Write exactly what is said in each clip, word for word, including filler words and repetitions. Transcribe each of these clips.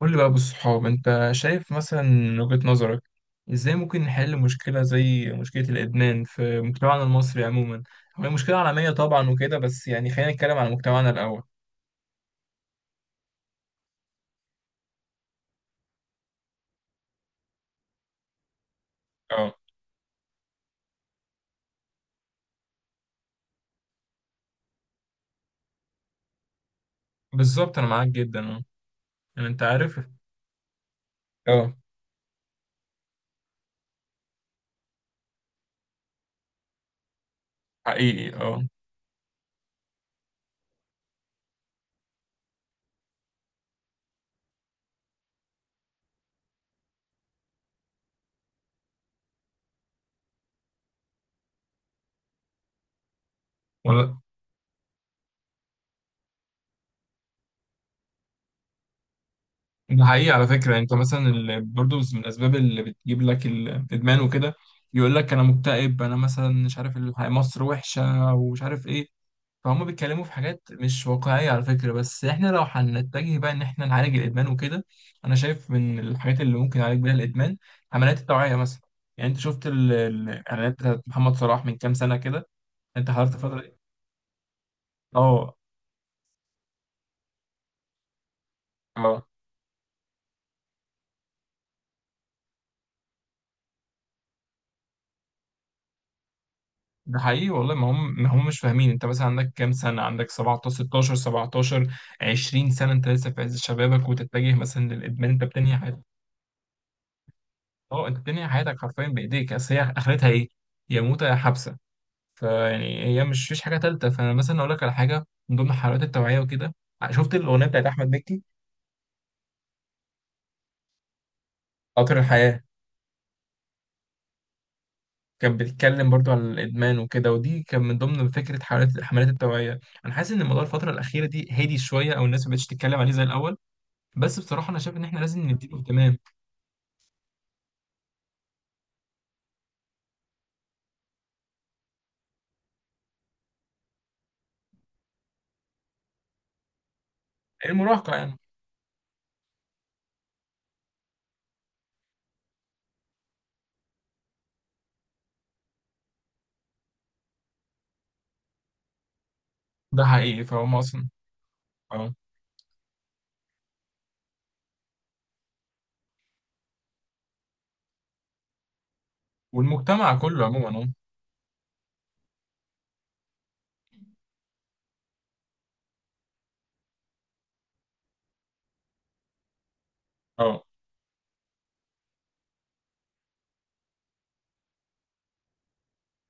قول لي بقى بالصحاب انت شايف مثلا من وجهة نظرك، ازاي ممكن نحل مشكلة زي مشكلة الإدمان في مجتمعنا المصري عموما. هي مشكلة عالمية طبعا وكده، بس يعني خلينا نتكلم على مجتمعنا الأول. اه، بالظبط أنا معاك جدا. اه، يعني انت عارف. اه، حقيقي اه. ولا، ده حقيقي على فكرة. يعني انت مثلا ال- برضه من الأسباب اللي بتجيب لك الإدمان وكده، يقول لك أنا مكتئب، أنا مثلا مش عارف، الح- مصر وحشة ومش عارف إيه. فهم بيتكلموا في حاجات مش واقعية على فكرة. بس احنا لو هنتجه بقى ان احنا نعالج الادمان وكده، انا شايف من الحاجات اللي ممكن نعالج بيها الادمان عمليات التوعية مثلا. يعني انت شفت ال- ال- الاعلانات بتاعت محمد صلاح من كام سنة كده؟ انت حضرت الفترة دي؟ اه. اه، ده حقيقي والله. ما هم ما هم مش فاهمين. انت مثلا عندك كام سنة؟ عندك سبعتاشر ستة عشر سبعتاشر عشرين سنة، انت لسه في عز شبابك وتتجه مثلا للادمان، انت بتنهي حياتك. اه، انت بتنهي حياتك حرفيا بايديك. اصل هي اخرتها ايه؟ يا موتة يا حبسة. فيعني هي مش فيش حاجه ثالثه. فانا مثلا اقول لك على حاجه من ضمن حلقات التوعيه وكده، شفت الاغنيه بتاعت احمد مكي؟ قطر الحياه. كان بيتكلم برضو على الادمان وكده، ودي كان من ضمن فكره حملات حملات التوعيه. انا حاسس ان الموضوع الفتره الاخيره دي هادي شويه، او الناس ما بقتش تتكلم عليه زي الاول. بس بصراحه انا شايف ان احنا لازم نديله اهتمام. المراهقه يعني. ده حقيقي، فهو اصلا اه. والمجتمع كله عموما اه.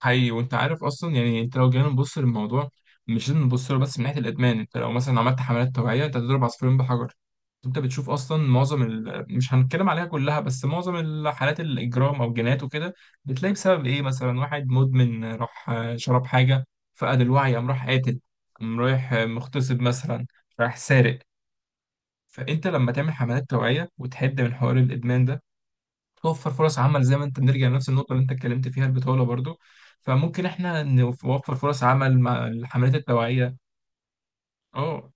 حقيقي. وانت عارف اصلا، يعني انت لو جينا نبص للموضوع، مش لازم نبص له بس من ناحيه الادمان. انت لو مثلا عملت حملات توعيه، انت هتضرب عصفورين بحجر. انت بتشوف اصلا معظم ال... مش هنتكلم عليها كلها، بس معظم الحالات الاجرام او جينات وكده، بتلاقي بسبب ايه؟ مثلا واحد مدمن راح آه، شرب حاجه، فقد الوعي، قام راح قاتل، قام رايح آه، مغتصب مثلا، راح سارق. فانت لما تعمل حملات توعيه وتحد من حوار الادمان ده، توفر فرص عمل، زي ما انت بنرجع لنفس النقطة اللي انت اتكلمت فيها، البطولة برضو. فممكن احنا نوفر فرص عمل مع الحملات التوعية. اه.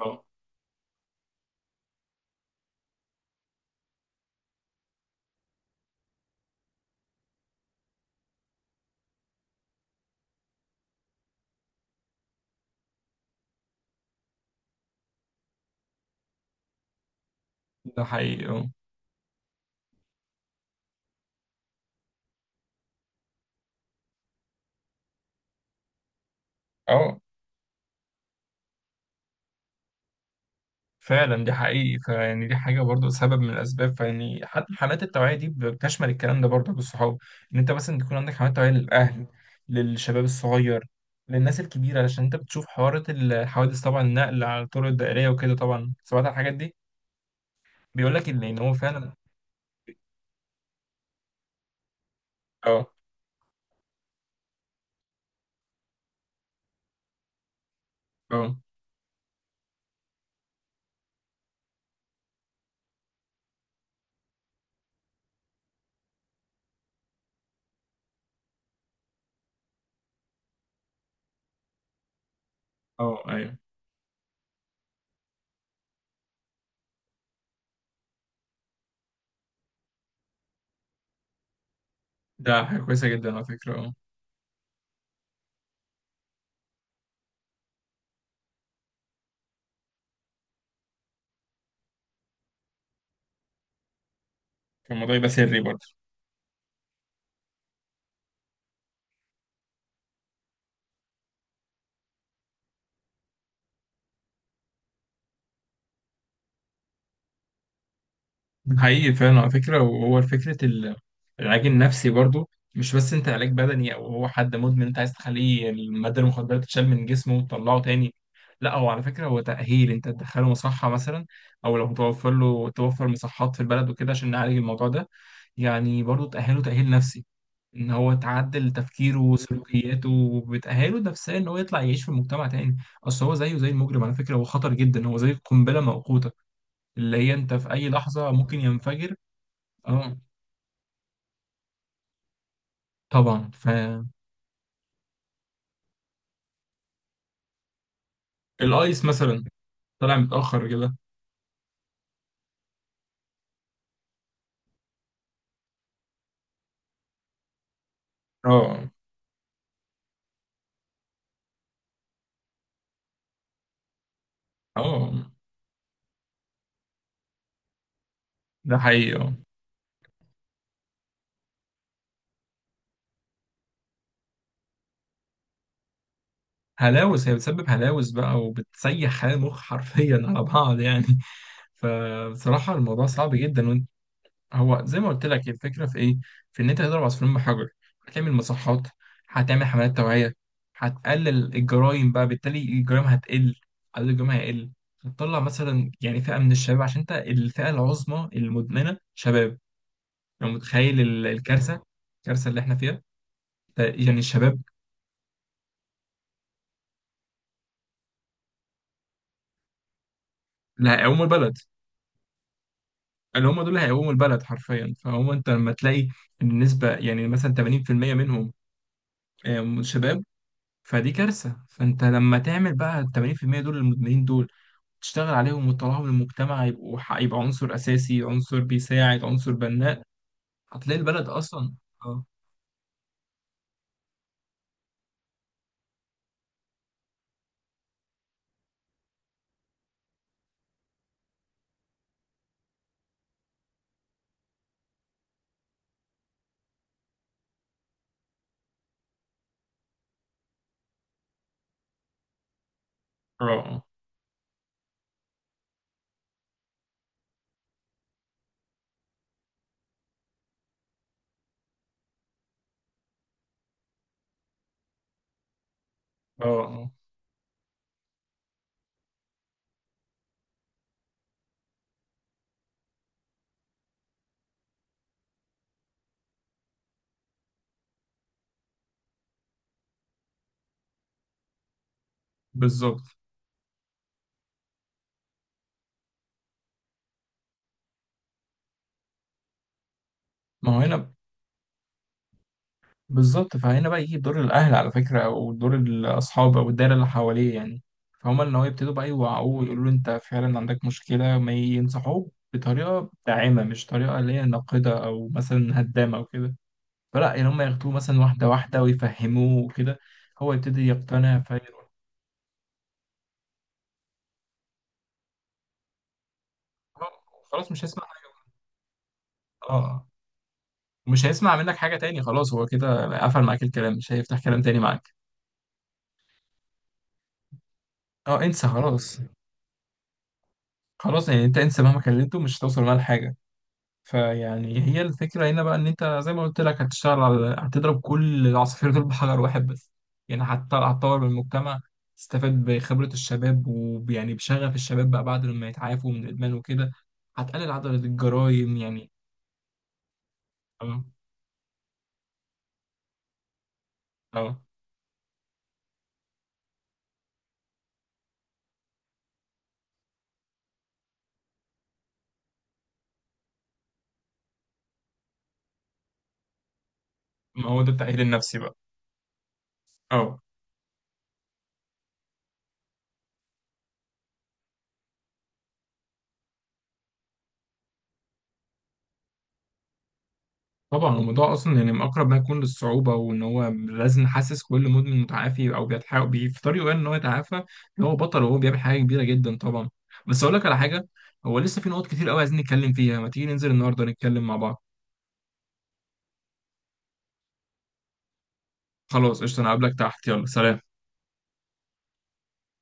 اه، ده حقيقي اه. اه، فعلا دي حقيقي. فيعني دي حاجة برضو سبب من الأسباب. فيعني حتى الحملات التوعية دي بتشمل الكلام ده برضو للصحاب، إن أنت مثلا تكون عندك حملات توعية للأهل، للشباب الصغير، للناس الكبيرة، علشان أنت بتشوف حوارات الحوادث طبعا، النقل على الطرق الدائرية وكده طبعا، سمعت عن الحاجات دي. بيقول لك إن إن هو فعلا. اه. اه. اه، ايوه. ده حاجة كويسة جدا على فكرة اه. كان الموضوع يبقى سري برضه. حقيقي فعلا على فكرة. وهو فكرة ال- العلاج النفسي برضه، مش بس انت علاج بدني، او هو حد مدمن انت عايز تخليه المادة المخدرة تتشال من جسمه وتطلعه تاني. لا، هو على فكرة هو تأهيل. انت تدخله مصحة مثلا، او لو توفر له، توفر مصحات في البلد وكده عشان نعالج الموضوع ده. يعني برضه تأهله تأهيل نفسي، ان هو تعدل تفكيره وسلوكياته، وبتأهله نفسيا ان هو يطلع يعيش في مجتمع تاني. اصل هو زيه زي المجرم على فكرة، هو خطر جدا، هو زي قنبلة موقوتة، اللي هي انت في اي لحظة ممكن ينفجر. اه طبعا. فالايس مثلا، طلع متأخر كده. اه. اه، ده حقيقي اه. هلاوس، هي بتسبب هلاوس بقى وبتسيح خلايا المخ حرفيا على بعض يعني. فبصراحة الموضوع صعب جدا. هو زي ما قلت لك، هي الفكره في ايه؟ في ان انت تضرب عصفورين بحجر. هتعمل مصحات، هتعمل حملات توعيه، هتقلل الجرائم بقى، بالتالي الجرائم هتقل، عدد الجرائم هيقل. هتطلع مثلا يعني فئه من الشباب، عشان انت الفئه العظمى المدمنه شباب. لو متخيل ال- الكارثه، الكارثه اللي احنا فيها، ت- يعني الشباب، اللي هيقوموا البلد، اللي هم دول هيقوموا البلد حرفيا. فهو انت لما تلاقي النسبه يعني مثلا تمانين بالمية منهم آه، شباب، فدي كارثة. فانت لما تعمل بقى ال ثمانين في المئة دول، المدمنين دول، تشتغل عليهم وتطلعهم للمجتمع، يبقوا ح- يبقى عنصر أساسي، عنصر بيساعد، عنصر بناء، هتلاقي البلد أصلا. اه. اه. اه. آه. بالظبط. ما هو هنا بالظبط. فهنا بقى يجي دور الأهل على فكرة، أو دور الأصحاب، أو الدايرة اللي حواليه يعني. فهم إن هو يبتدوا بقى يوعوه ويقولوا له أنت فعلا عندك مشكلة، ما ينصحوه بطريقة داعمة، مش طريقة اللي هي ناقدة أو مثلا هدامة أو كده. فلا يعني هم ياخدوه مثلا واحدة واحدة ويفهموه وكده، هو يبتدي يقتنع فيروح. خلاص مش هيسمع حاجة. اه، مش هيسمع منك حاجة تاني، خلاص هو كده قفل معاك الكلام، مش هيفتح كلام تاني معاك. اه، انسى خلاص. خلاص يعني انت انسى، مهما كلمته مش هتوصل معاه لحاجة. فيعني هي الفكرة هنا بقى إن أنت زي ما قلت لك، هتشتغل على، هتضرب كل العصافير دول بحجر واحد بس. يعني هت- هتطور من المجتمع، تستفاد بخبرة الشباب، ويعني بشغف الشباب بقى بعد ما يتعافوا من الإدمان وكده، هتقلل عدد الجرائم يعني. أه. أه، ما هو ده التأهيل النفسي بقى. أه، طبعا الموضوع اصلا يعني من اقرب ما يكون للصعوبه، وان هو لازم نحسس كل مدمن متعافي او بيتحاول بي- في طريقه يعني ان هو يتعافى، ان هو بطل وهو بيعمل حاجه كبيره جدا طبعا. بس اقول لك على حاجه، هو لسه في نقط كتير قوي عايزين نتكلم فيها. ما تيجي ننزل النهارده نتكلم مع بعض؟ خلاص قشطه، انا هقابلك تحت، يلا سلام.